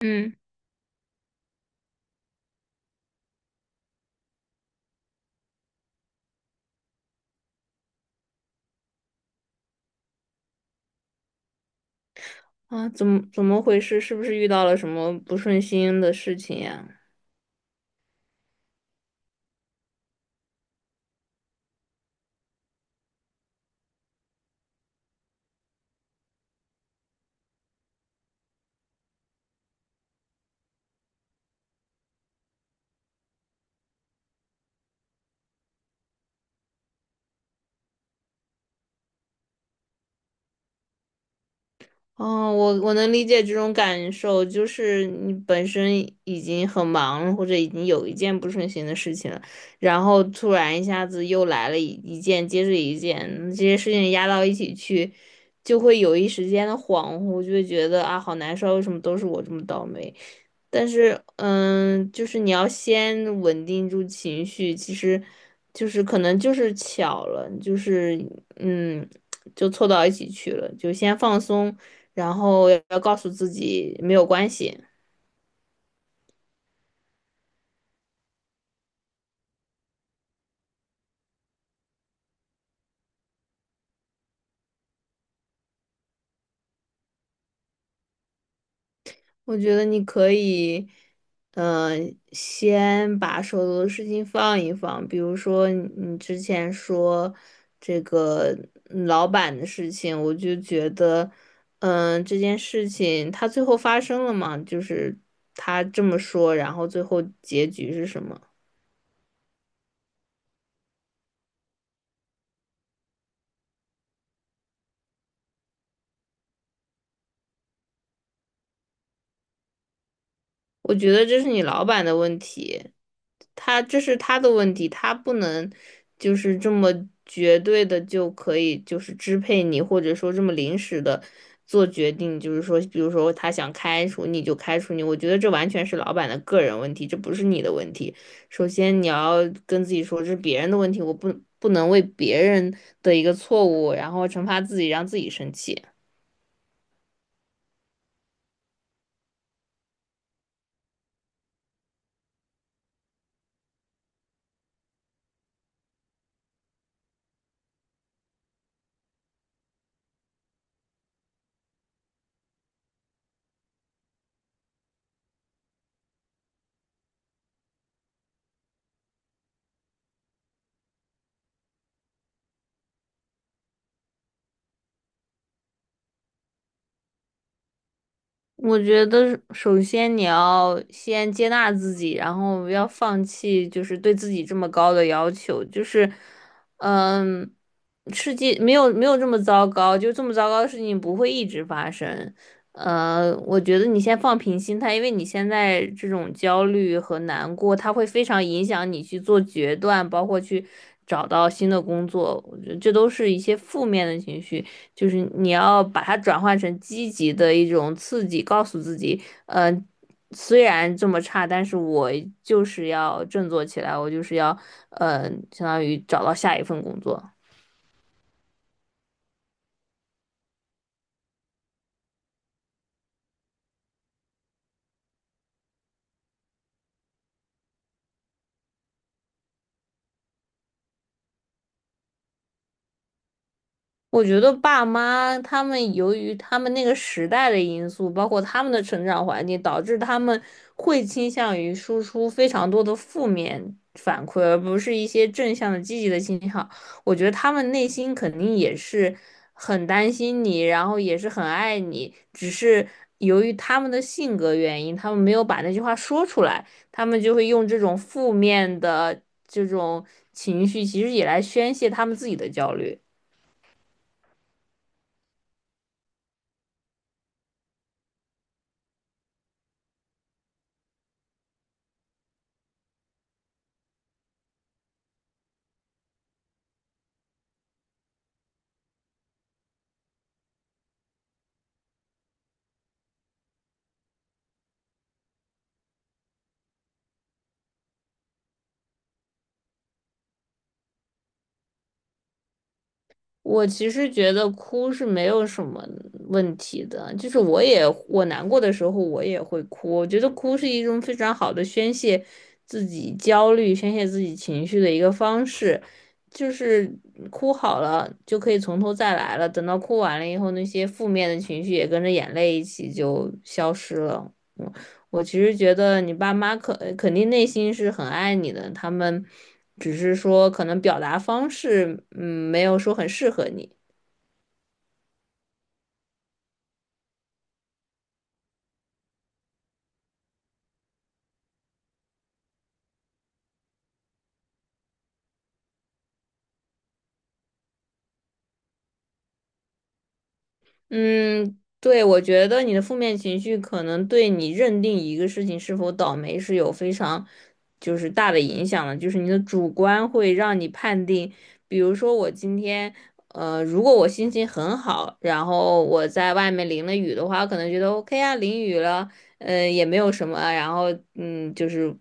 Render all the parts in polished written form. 嗯。啊，怎么回事？是不是遇到了什么不顺心的事情呀？哦，我能理解这种感受，就是你本身已经很忙了或者已经有一件不顺心的事情了，然后突然一下子又来了一件接着一件，这些事情压到一起去，就会有一时间的恍惚，就会觉得啊，好难受，为什么都是我这么倒霉？但是，就是你要先稳定住情绪，其实就是可能就是巧了，就是嗯，就凑到一起去了，就先放松，然后要告诉自己没有关系。我觉得你可以，先把手头的事情放一放，比如说你之前说这个老板的事情，我就觉得，这件事情它最后发生了嘛，就是他这么说，然后最后结局是什么？我觉得这是你老板的问题，他这是他的问题，他不能就是这么绝对的就可以就是支配你，或者说这么临时的做决定，就是说，比如说他想开除你就开除你，我觉得这完全是老板的个人问题，这不是你的问题。首先你要跟自己说，这是别人的问题，我不能为别人的一个错误，然后惩罚自己，让自己生气。我觉得首先你要先接纳自己，然后要放弃就是对自己这么高的要求，就是，嗯，世界没有这么糟糕，就这么糟糕的事情不会一直发生。我觉得你先放平心态，因为你现在这种焦虑和难过，它会非常影响你去做决断，包括去找到新的工作，我觉得这都是一些负面的情绪。就是你要把它转换成积极的一种刺激，告诉自己，嗯、虽然这么差，但是我就是要振作起来，我就是要，嗯、相当于找到下一份工作。我觉得爸妈他们由于他们那个时代的因素，包括他们的成长环境，导致他们会倾向于输出非常多的负面反馈，而不是一些正向的、积极的信号。我觉得他们内心肯定也是很担心你，然后也是很爱你，只是由于他们的性格原因，他们没有把那句话说出来，他们就会用这种负面的这种情绪，其实也来宣泄他们自己的焦虑。我其实觉得哭是没有什么问题的，就是我也我难过的时候我也会哭，我觉得哭是一种非常好的宣泄自己焦虑、宣泄自己情绪的一个方式，就是哭好了就可以从头再来了，等到哭完了以后，那些负面的情绪也跟着眼泪一起就消失了。嗯，我其实觉得你爸妈肯定内心是很爱你的，他们。只是说可能表达方式，嗯，没有说很适合你。嗯，对，我觉得你的负面情绪可能对你认定一个事情是否倒霉是有非常就是大的影响的，就是你的主观会让你判定，比如说我今天。呃，如果我心情很好，然后我在外面淋了雨的话，我可能觉得 OK 啊，淋雨了，呃，也没有什么啊，然后嗯，就是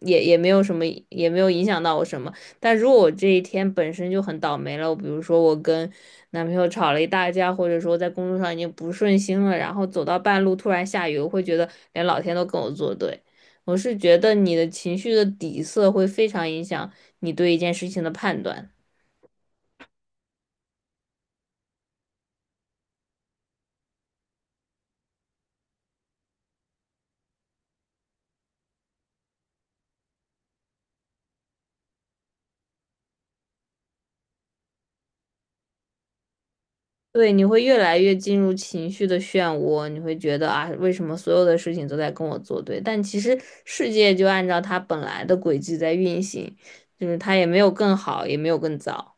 也没有什么，也没有影响到我什么。但如果我这一天本身就很倒霉了，比如说我跟男朋友吵了一大架，或者说在工作上已经不顺心了，然后走到半路突然下雨，我会觉得连老天都跟我作对。我是觉得你的情绪的底色会非常影响你对一件事情的判断。对，你会越来越进入情绪的漩涡，你会觉得啊，为什么所有的事情都在跟我作对？但其实世界就按照它本来的轨迹在运行，就是它也没有更好，也没有更糟。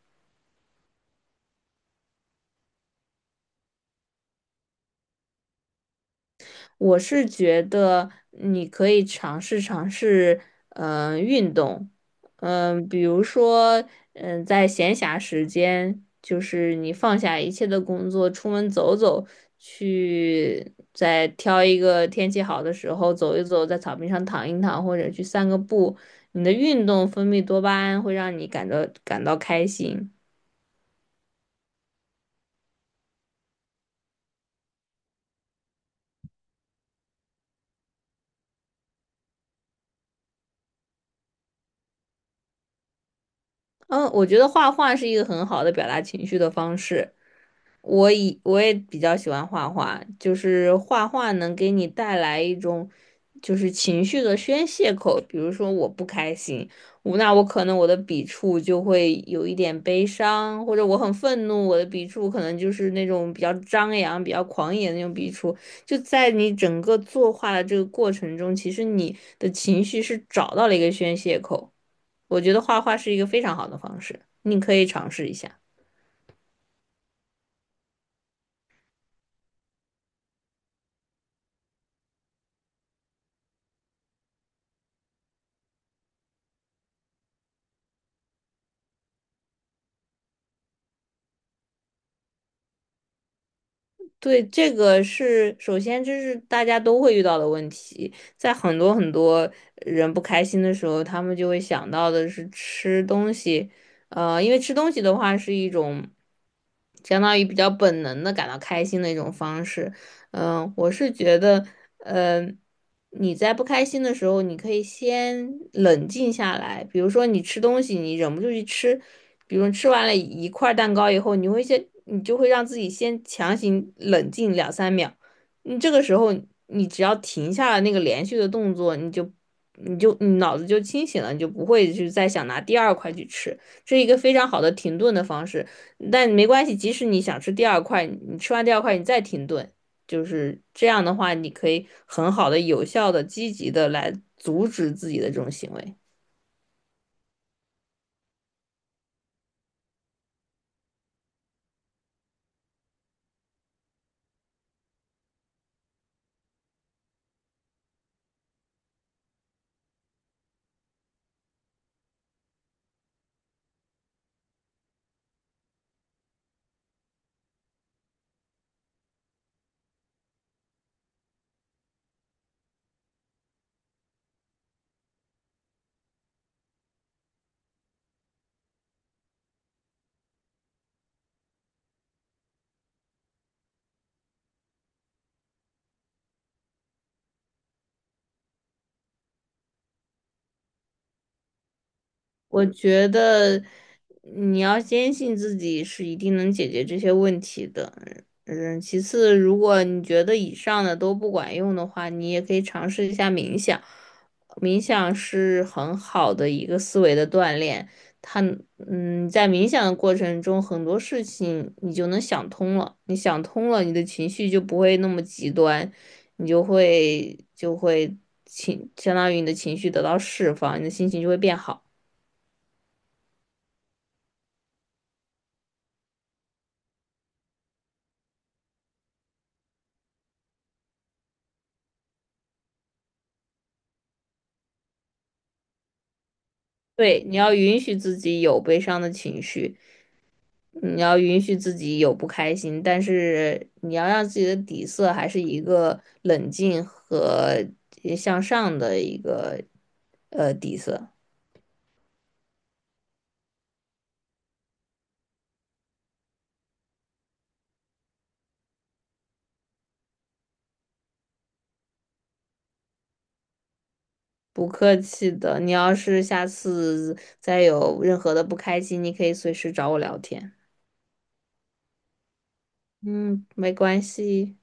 我是觉得你可以尝试，运动，比如说，在闲暇时间，就是你放下一切的工作，出门走走，去再挑一个天气好的时候走一走，在草坪上躺一躺，或者去散个步，你的运动分泌多巴胺会让你感到开心。嗯，我觉得画画是一个很好的表达情绪的方式。我也比较喜欢画画，就是画画能给你带来一种就是情绪的宣泄口。比如说我不开心，我可能我的笔触就会有一点悲伤，或者我很愤怒，我的笔触可能就是那种比较张扬、比较狂野的那种笔触。就在你整个作画的这个过程中，其实你的情绪是找到了一个宣泄口。我觉得画画是一个非常好的方式，你可以尝试一下。对，这个是首先这是大家都会遇到的问题，在很多人不开心的时候，他们就会想到的是吃东西。呃，因为吃东西的话是一种相当于比较本能的感到开心的一种方式，嗯，我是觉得，嗯，你在不开心的时候，你可以先冷静下来。比如说，你吃东西，你忍不住去吃，比如吃完了一块蛋糕以后，你就会让自己先强行冷静两三秒。你这个时候，你只要停下了那个连续的动作，你脑子就清醒了，你就不会去再想拿第二块去吃。这是一个非常好的停顿的方式。但没关系，即使你想吃第二块，你吃完第二块，你再停顿。就是这样的话，你可以很好的、有效的、积极的来阻止自己的这种行为。我觉得你要坚信自己是一定能解决这些问题的。嗯，其次，如果你觉得以上的都不管用的话，你也可以尝试一下冥想。冥想是很好的一个思维的锻炼，它嗯，在冥想的过程中，很多事情你就能想通了。你想通了，你的情绪就不会那么极端，你就会就会情，相当于你的情绪得到释放，你的心情就会变好。对，你要允许自己有悲伤的情绪，你要允许自己有不开心，但是你要让自己的底色还是一个冷静和向上的一个底色。不客气的，你要是下次再有任何的不开心，你可以随时找我聊天。嗯，没关系。